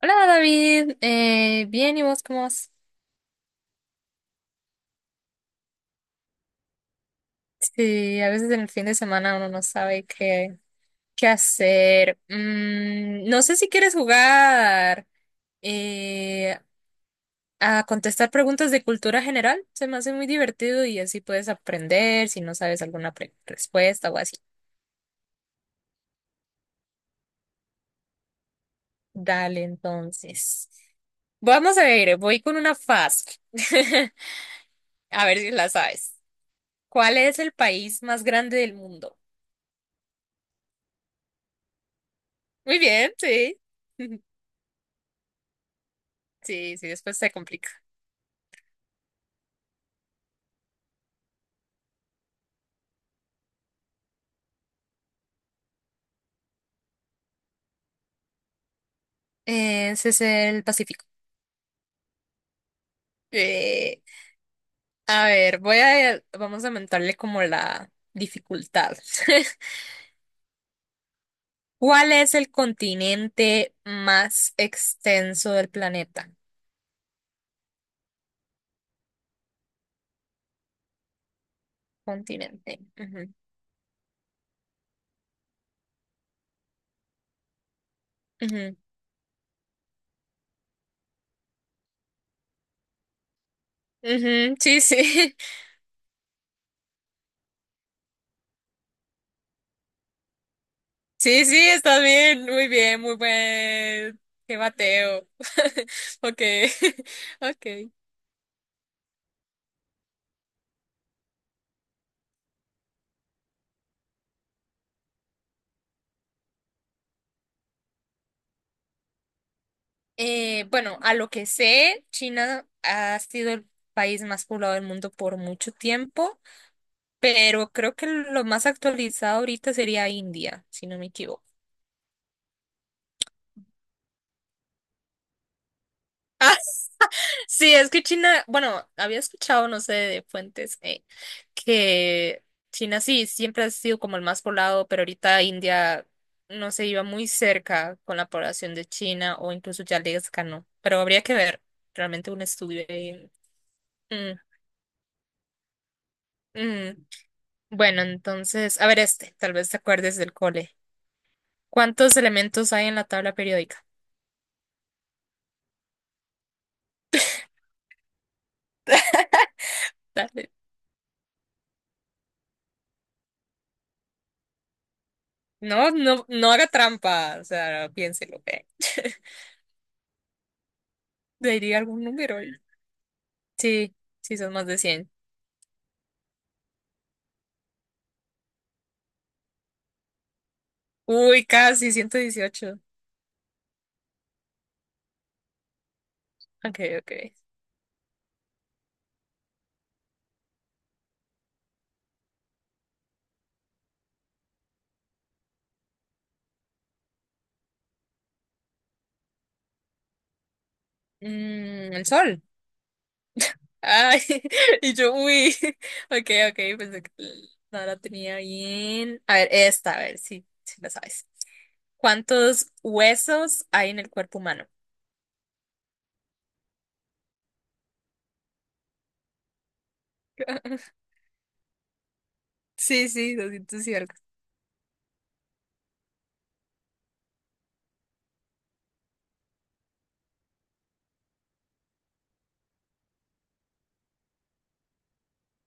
Hola David, bien, ¿y vos cómo vas? Sí, a veces en el fin de semana uno no sabe qué hacer. No sé si quieres jugar eh, a contestar preguntas de cultura general. Se me hace muy divertido y así puedes aprender si no sabes alguna respuesta o así. Dale, entonces. Vamos a ver, voy con una fácil. A ver si la sabes. ¿Cuál es el país más grande del mundo? Muy bien, sí. Sí, sí, después se complica. Ese es el Pacífico. Eh, a ver, vamos a aumentarle como la dificultad. ¿Cuál es el continente más extenso del planeta? Continente. Ujú, ujú, ujú. Sí, sí. Sí, sí, está bien. Muy bien, muy buen. Qué bateo. Ok, ok. Bueno, a lo que sé, China ha sido el país más poblado del mundo por mucho tiempo, pero creo que lo más actualizado ahorita sería India, si no me equivoco. Sí, es que China, bueno, había escuchado, no sé, de fuentes, que China sí, siempre ha sido como el más poblado, pero ahorita India no se iba muy cerca con la población de China o incluso ya les ganó, pero habría que ver realmente un estudio ahí. Mm, mm. Bueno, entonces, a ver este, tal vez te acuerdes del cole. ¿Cuántos elementos hay en la tabla periódica? Dale. No, no, no haga trampa, o sea, piénselo, ¿eh? Le diría algún número. Sí, sí, son más de 100. Uy, casi 118. Ok, ok. El sol. Ay, y yo, uy. Ok, ok, pensé que no la tenía bien. A ver, esta, a ver si la sabes. ¿Cuántos huesos hay en el cuerpo humano? Sí, sí, 200 y algo.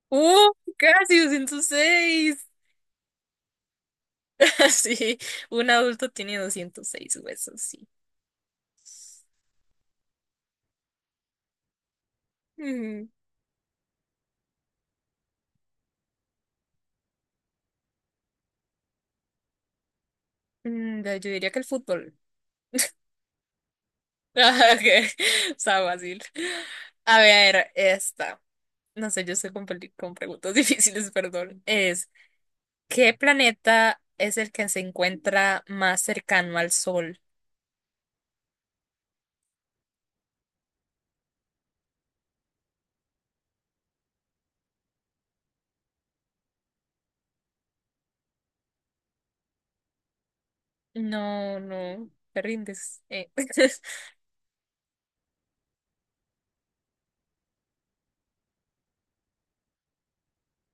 ¡Uh! Casi 206. Sí, un adulto tiene 206 huesos, sí. Mm, yo diría que el fútbol. Ah, ok, está fácil. A ver, esta. No sé, yo estoy con preguntas difíciles, perdón. ¿Qué planeta es el que se encuentra más cercano al Sol? No, no, te rindes.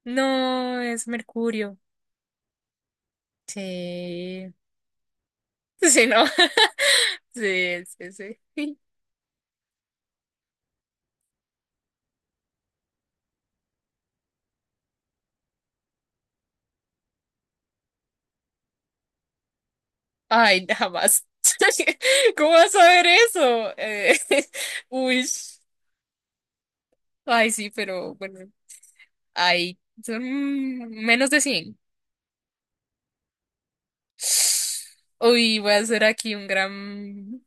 No, es Mercurio. Sí. Sí, ¿no? Sí, sí, sí. Ay, jamás. ¿Cómo vas a ver eso? Uy. Ay, sí, pero bueno. Ay, son menos de 100. Uy, voy a hacer aquí un gran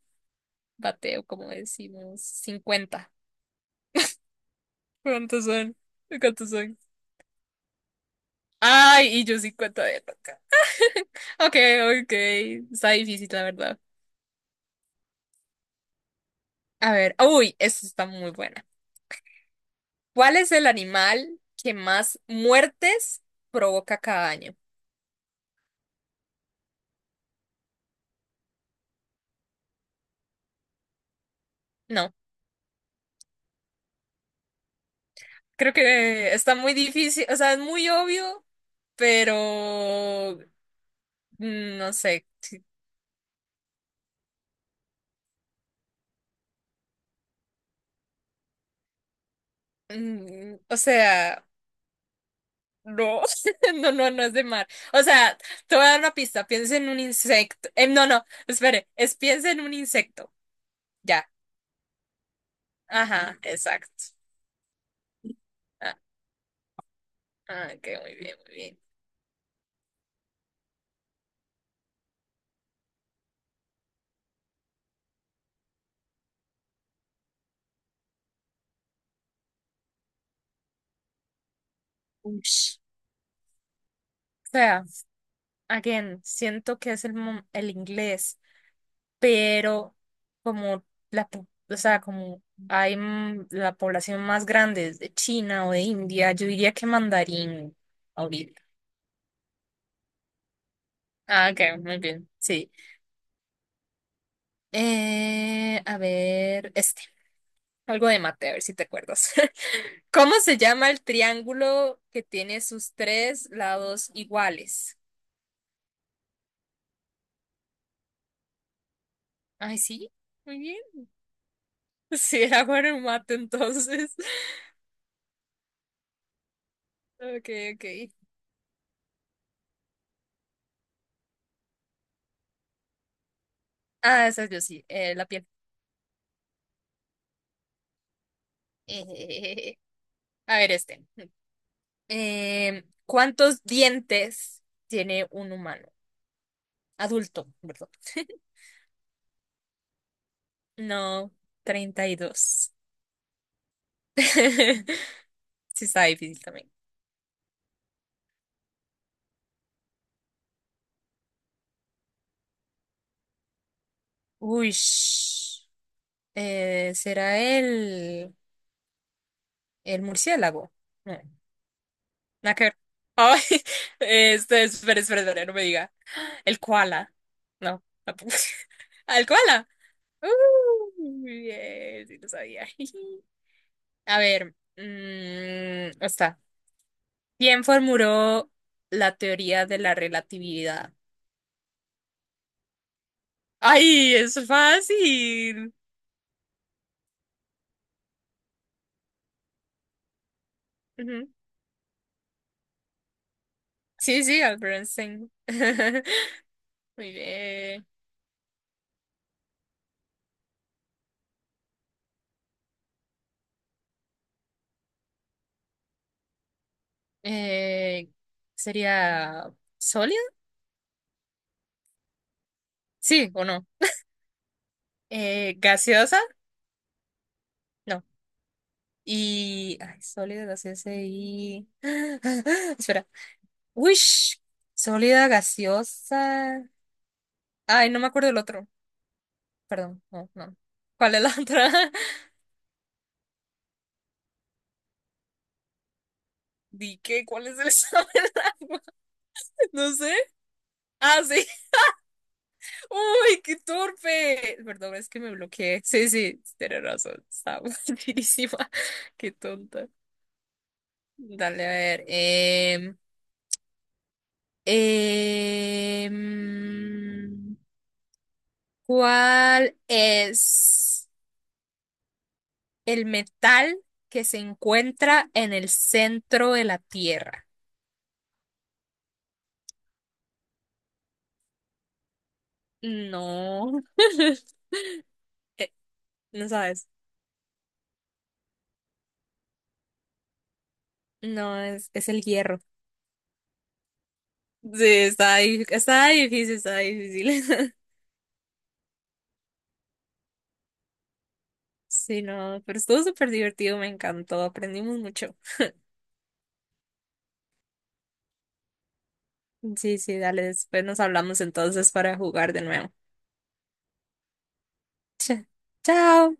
bateo, como decimos, 50. ¿Cuántos son? ¿Cuántos son? Ay, y yo 50 de toca. Ok, ok. Está difícil, la verdad. A ver, uy, esta está muy buena. ¿Cuál es el animal que más muertes provoca cada año? No, creo que está muy difícil, o sea, es muy obvio, pero no sé. O sea, no, no, no, no es de mar. O sea, te voy a dar una pista, piensa en un insecto. No, no, espere, es piensa en un insecto. Ya, ajá, exacto. Ah, ah, ok, muy bien, muy bien. Ush. O sea, again, siento que es el inglés, pero como o sea, como hay la población más grande es de China o de India, yo diría que mandarín ahorita. Ah, ok, muy bien, sí. A ver, este, algo de mate, a ver si te acuerdas. ¿Cómo se llama el triángulo que tiene sus tres lados iguales? Ay, sí, muy bien. Sí, era bueno en mate entonces. Ok, ok. Ah, esa yo sí, la piel. Eh, a ver, este. ¿Cuántos dientes tiene un humano? Adulto, perdón. No, 32. Sí, está difícil también. Uy, ¿será el murciélago? No, nada que ver. Ay, este, espera, espera, espera, no me diga. El koala. No, tampoco. ¿Al koala? Uh, bien, sí lo sabía. A ver, está. ¿Quién formuló la teoría de la relatividad? ¡Ay, es fácil! Ujú. Sí, sí, Albert Einstein. Muy bien. Eh, ¿Sería sólida? Sí, ¿o no? ¿Gaseosa? No. Y. Ay, sólida, gaseosa y. Espera. Uy, sólida, gaseosa. Ay, no me acuerdo el otro. Perdón, no, no. ¿Cuál es la otra? Di que, ¿cuál es el examen de agua? No sé. Ah, sí. Uy, qué torpe. Perdón, es que me bloqueé. Sí, sí, tienes razón. Estaba buenísima. Qué tonta. Dale, a ver. Em, ¿Cuál es el metal que se encuentra en el centro de la Tierra? No. Eh, no sabes. No, es el hierro. Sí, está difícil, está difícil. Sí, no, pero estuvo súper divertido, me encantó, aprendimos mucho. Sí, sí, dale, después nos hablamos entonces para jugar de nuevo. Ch- Chao.